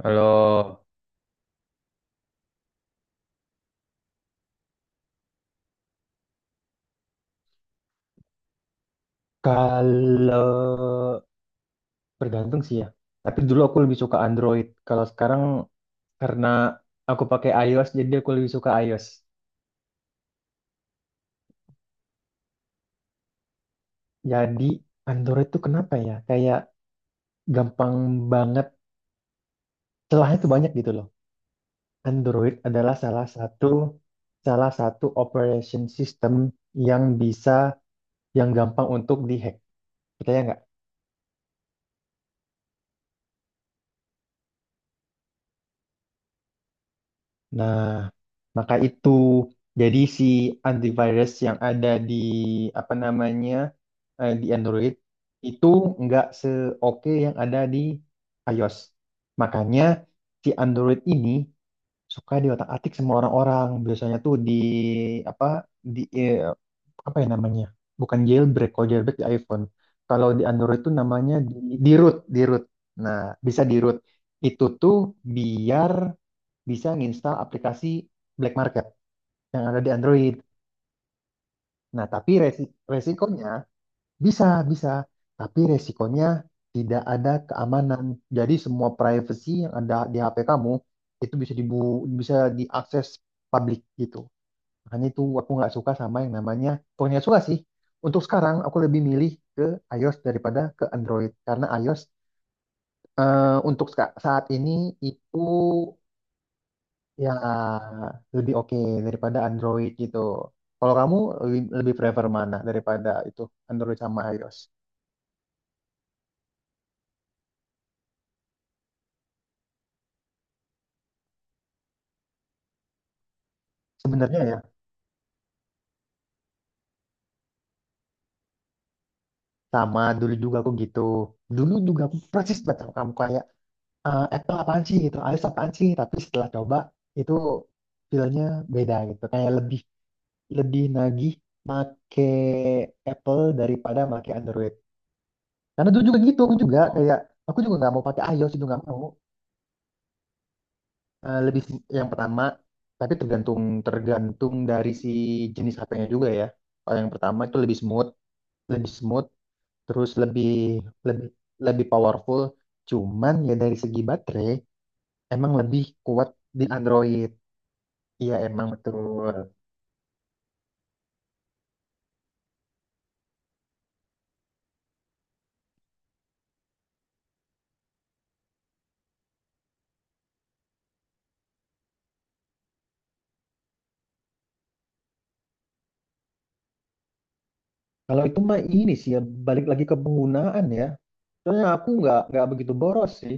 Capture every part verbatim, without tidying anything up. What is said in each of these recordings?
Halo. Kalau bergantung sih ya. Tapi dulu aku lebih suka Android. Kalau sekarang karena aku pakai iOS, jadi aku lebih suka iOS. Jadi Android tuh kenapa ya? Kayak gampang banget. Celahnya tuh banyak gitu loh. Android adalah salah satu salah satu operation system yang bisa yang gampang untuk dihack. Percaya nggak? Nah, maka itu jadi si antivirus yang ada di apa namanya, eh, di Android itu nggak seoke yang ada di iOS. Makanya si Android ini suka diotak-atik sama orang-orang. Biasanya tuh di apa, di eh, apa ya namanya? Bukan jailbreak, kalau jailbreak di iPhone. Kalau di Android tuh namanya di, di root, di root. Nah, bisa di root. Itu tuh biar bisa nginstal aplikasi black market yang ada di Android. Nah, tapi resi- resikonya bisa, bisa. Tapi resikonya tidak ada keamanan. Jadi semua privacy yang ada di ha pe kamu itu bisa dibu bisa diakses publik gitu. Makanya itu aku nggak suka sama yang namanya, bukan nggak suka sih. Untuk sekarang aku lebih milih ke iOS daripada ke Android karena iOS, eh, untuk ska- saat ini itu. Ya, lebih oke daripada Android gitu. Kalau kamu lebih lebih prefer mana daripada itu, Android sama iOS? Sebenarnya ya sama, dulu juga aku gitu. Dulu juga aku persis banget sama kamu kayak, eh, Apple apaan sih gitu, iOS apaan sih? Tapi setelah coba itu feelnya beda gitu. Kayak lebih lebih nagih make Apple daripada make Android. Karena dulu juga gitu, aku juga kayak aku juga nggak mau pakai iOS, itu nggak mau. Eh, lebih sim- yang pertama, tapi tergantung tergantung dari si jenis ha pe-nya juga ya. Kalau yang pertama itu lebih smooth, lebih smooth, terus lebih lebih lebih powerful. Cuman ya dari segi baterai emang lebih kuat di Android. Iya emang betul. Kalau itu mah ini sih ya, balik lagi ke penggunaan ya. Soalnya aku nggak nggak begitu boros sih.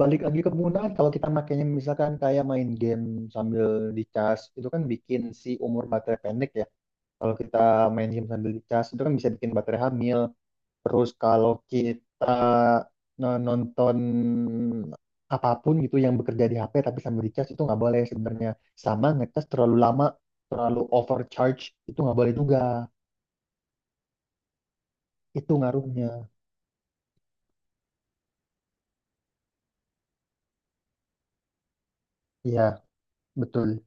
Balik lagi ke penggunaan, kalau kita makainya misalkan kayak main game sambil dicas itu kan bikin si umur baterai pendek ya. Kalau kita main game sambil dicas itu kan bisa bikin baterai hamil. Terus kalau kita n- nonton apapun gitu yang bekerja di ha pe tapi sambil dicas itu nggak boleh sebenarnya. Sama ngecas terlalu lama, terlalu overcharge itu nggak boleh juga. Itu ngaruhnya. Iya, betul.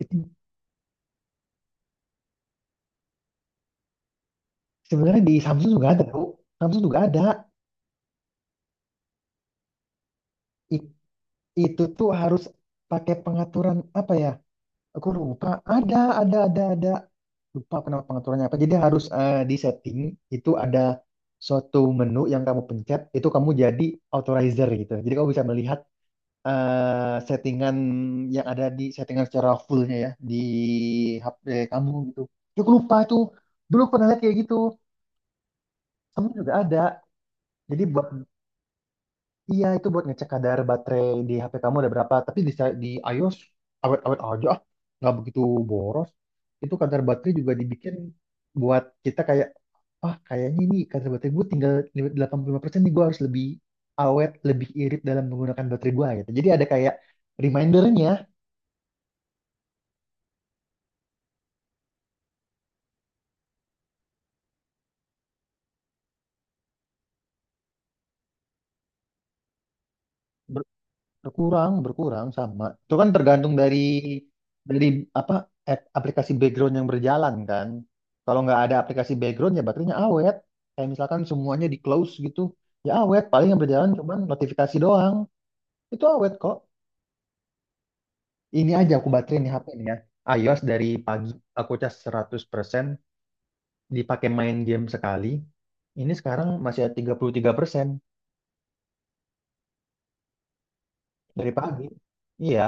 Itu sebenarnya di Samsung juga ada, Bu. Samsung juga ada. I- itu tuh harus pakai pengaturan apa ya? Aku lupa. Ada, ada, ada, ada. Lupa kenapa, pengaturannya apa. Jadi harus, eh, di setting itu ada suatu menu yang kamu pencet, itu kamu jadi authorizer gitu. Jadi kamu bisa melihat, eh, settingan yang ada di settingan secara fullnya ya di ha pe kamu gitu. Ya, aku lupa tuh. Dulu pernah lihat kayak gitu. Kamu juga ada. Jadi buat, iya, itu buat ngecek kadar baterai di ha pe kamu ada berapa. Tapi di, di iOS awet-awet aja, ah. Nggak begitu boros. Itu kadar baterai juga dibikin buat kita kayak, ah kayaknya ini kadar baterai gue tinggal delapan puluh lima persen nih, gue harus lebih awet, lebih irit dalam menggunakan baterai gue gitu. Jadi ada kayak remindernya. Berkurang, berkurang sama. Itu kan tergantung dari dari apa, ap- aplikasi background yang berjalan kan. Kalau nggak ada aplikasi background ya baterainya awet. Kayak misalkan semuanya di close gitu, ya awet. Paling yang berjalan cuman notifikasi doang. Itu awet kok. Ini aja aku baterai nih ha pe nih ya. iOS dari pagi aku cas seratus persen, dipakai main game sekali. Ini sekarang masih ada tiga puluh tiga persen dari pagi. Iya.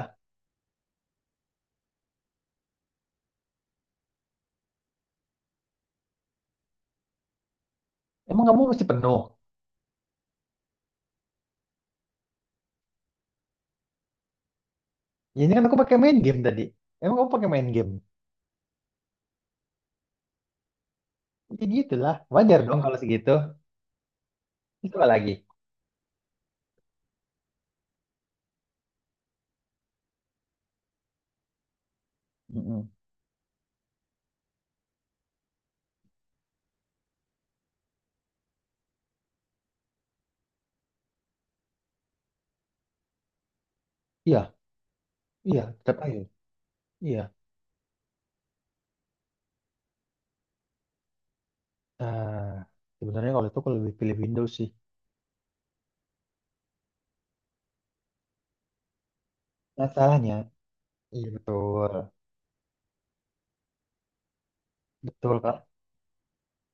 Emang kamu masih penuh? Ya, ini kan aku pakai main game tadi. Emang kamu pakai main game? Ya gitulah, wajar dong kalau segitu. Itu coba lagi. Mm-mm. Iya, iya, tetap ayo. Iya. Nah, sebenarnya kalau itu aku lebih pilih Windows sih. Masalahnya, iya betul, betul Kak.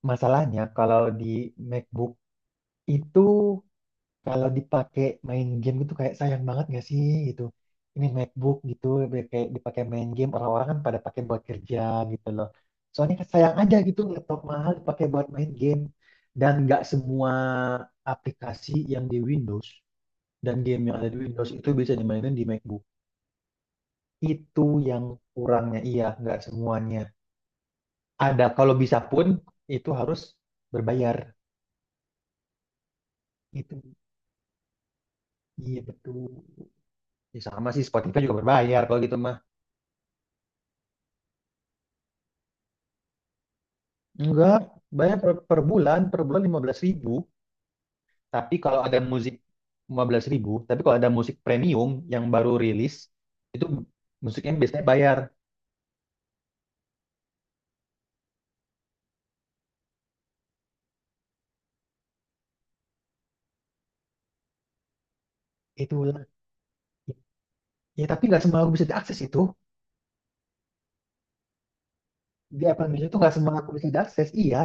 Masalahnya kalau di MacBook itu kalau dipakai main game gitu kayak sayang banget gak sih gitu. Ini MacBook gitu, biar kayak dipakai main game, orang-orang kan pada pakai buat kerja gitu loh. Soalnya kan sayang aja gitu, laptop mahal dipakai buat main game, dan nggak semua aplikasi yang di Windows dan game yang ada di Windows itu bisa dimainin di MacBook. Itu yang kurangnya, iya nggak semuanya. Ada, kalau bisa pun itu harus berbayar. Itu iya betul. Ya sama sih, Spotify juga berbayar kalau gitu mah. Enggak, bayar per, per bulan, per bulan lima belas ribu. Tapi kalau ada musik lima belas ribu, tapi kalau ada musik premium yang baru rilis, itu musiknya biasanya bayar. Itulah. Ya tapi nggak semua aku bisa diakses itu. Di Apple Music itu nggak semua aku bisa diakses. Iya.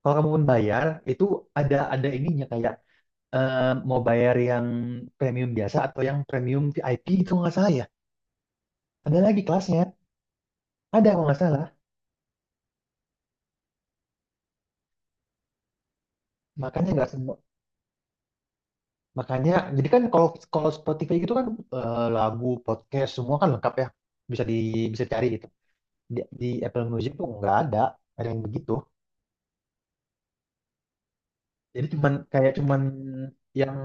Kalau kamu pun bayar, itu ada ada ininya kayak, eh, mau bayar yang premium biasa atau yang premium ve i pe, itu nggak salah ya. Ada lagi kelasnya. Ada kalau nggak salah. Makanya nggak semua Makanya, jadi kan kalau kalau Spotify gitu kan, eh, lagu, podcast semua kan lengkap ya, bisa di bisa cari gitu. Di, di Apple Music tuh nggak ada, ada yang begitu. Jadi cuman kayak cuman yang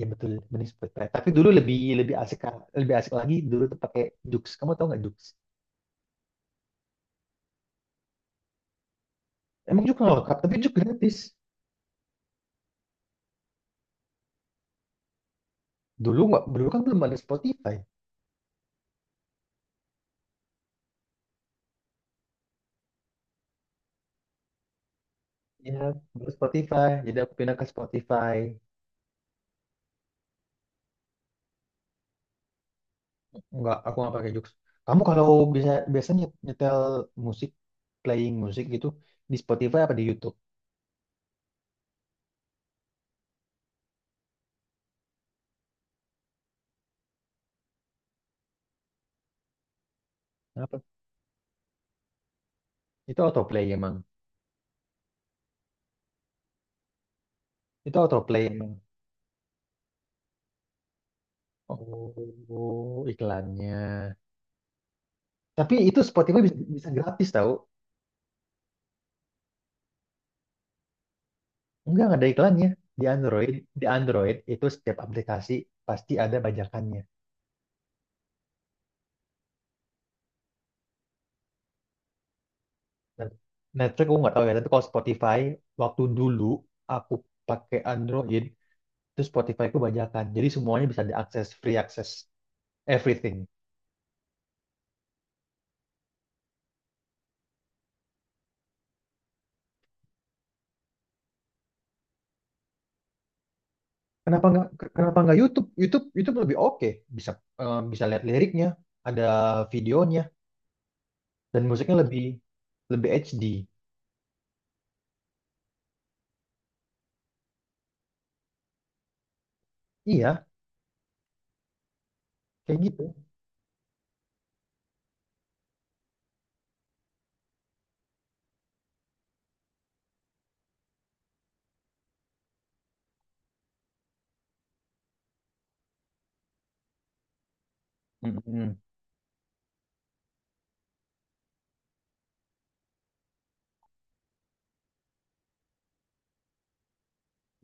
ya betul, mending Spotify. Tapi dulu lebih lebih asik kan, lebih asik lagi dulu tuh pakai Joox. Kamu tau nggak Joox? Emang Joox nggak lengkap, tapi Joox gratis. Dulu nggak, dulu kan belum ada Spotify. Ya, baru Spotify. Jadi aku pindah ke Spotify. Enggak, aku nggak pakai jokes. Kamu kalau bisa biasanya nyetel musik, playing musik gitu, di Spotify apa di YouTube? Apa? Itu autoplay emang. Itu autoplay emang. Oh, iklannya. Tapi itu Spotify bisa, bisa gratis tau. Enggak, nggak ada iklannya. Di Android, di Android itu setiap aplikasi pasti ada bajakannya. Nah, Netflix aku nggak tahu ya, tapi kalau Spotify waktu dulu aku pakai Android, terus Spotify ku bajakan. Jadi semuanya bisa diakses, free akses, everything. Kenapa nggak Kenapa nggak YouTube? YouTube YouTube lebih oke, bisa eh, bisa lihat liriknya, ada videonya dan musiknya lebih lebih ha de. Iya, kayak gitu. Mm-mm.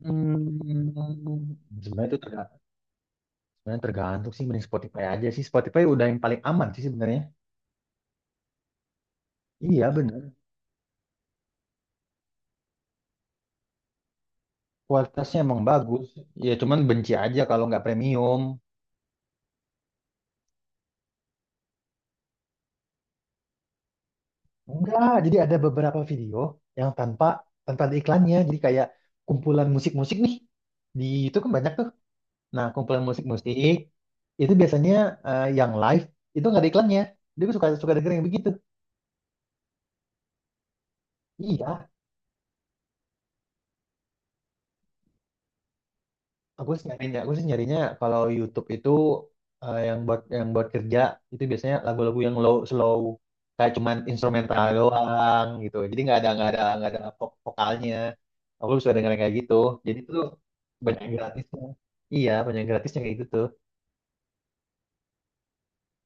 Hmm, sebenarnya itu terga- sebenarnya tergantung sih, mending Spotify aja sih. Spotify udah yang paling aman sih sebenarnya. Iya bener. Kualitasnya emang bagus. Ya cuman benci aja kalau nggak premium. Enggak, jadi ada beberapa video yang tanpa tanpa ada iklannya. Jadi kayak kumpulan musik-musik nih. Di itu kan banyak tuh. Nah, kumpulan musik-musik itu biasanya, eh, yang live itu nggak ada iklannya. Jadi gue suka suka denger yang begitu. Iya, Aku sih nyarinya, aku sih nyarinya kalau YouTube itu, eh, yang buat yang buat kerja itu biasanya lagu-lagu yang low slow, kayak cuman instrumental doang gitu. Jadi nggak ada nggak ada nggak ada vok- vokalnya. Aku suka denger yang kayak gitu. Jadi tuh banyak yang gratisnya. Iya, banyak yang gratisnya kayak gitu tuh.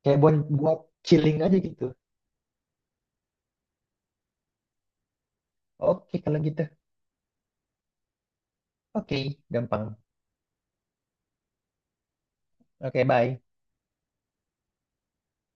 Kayak buat buat chilling aja gitu. Oke, kalau gitu. Oke, gampang. Oke, bye.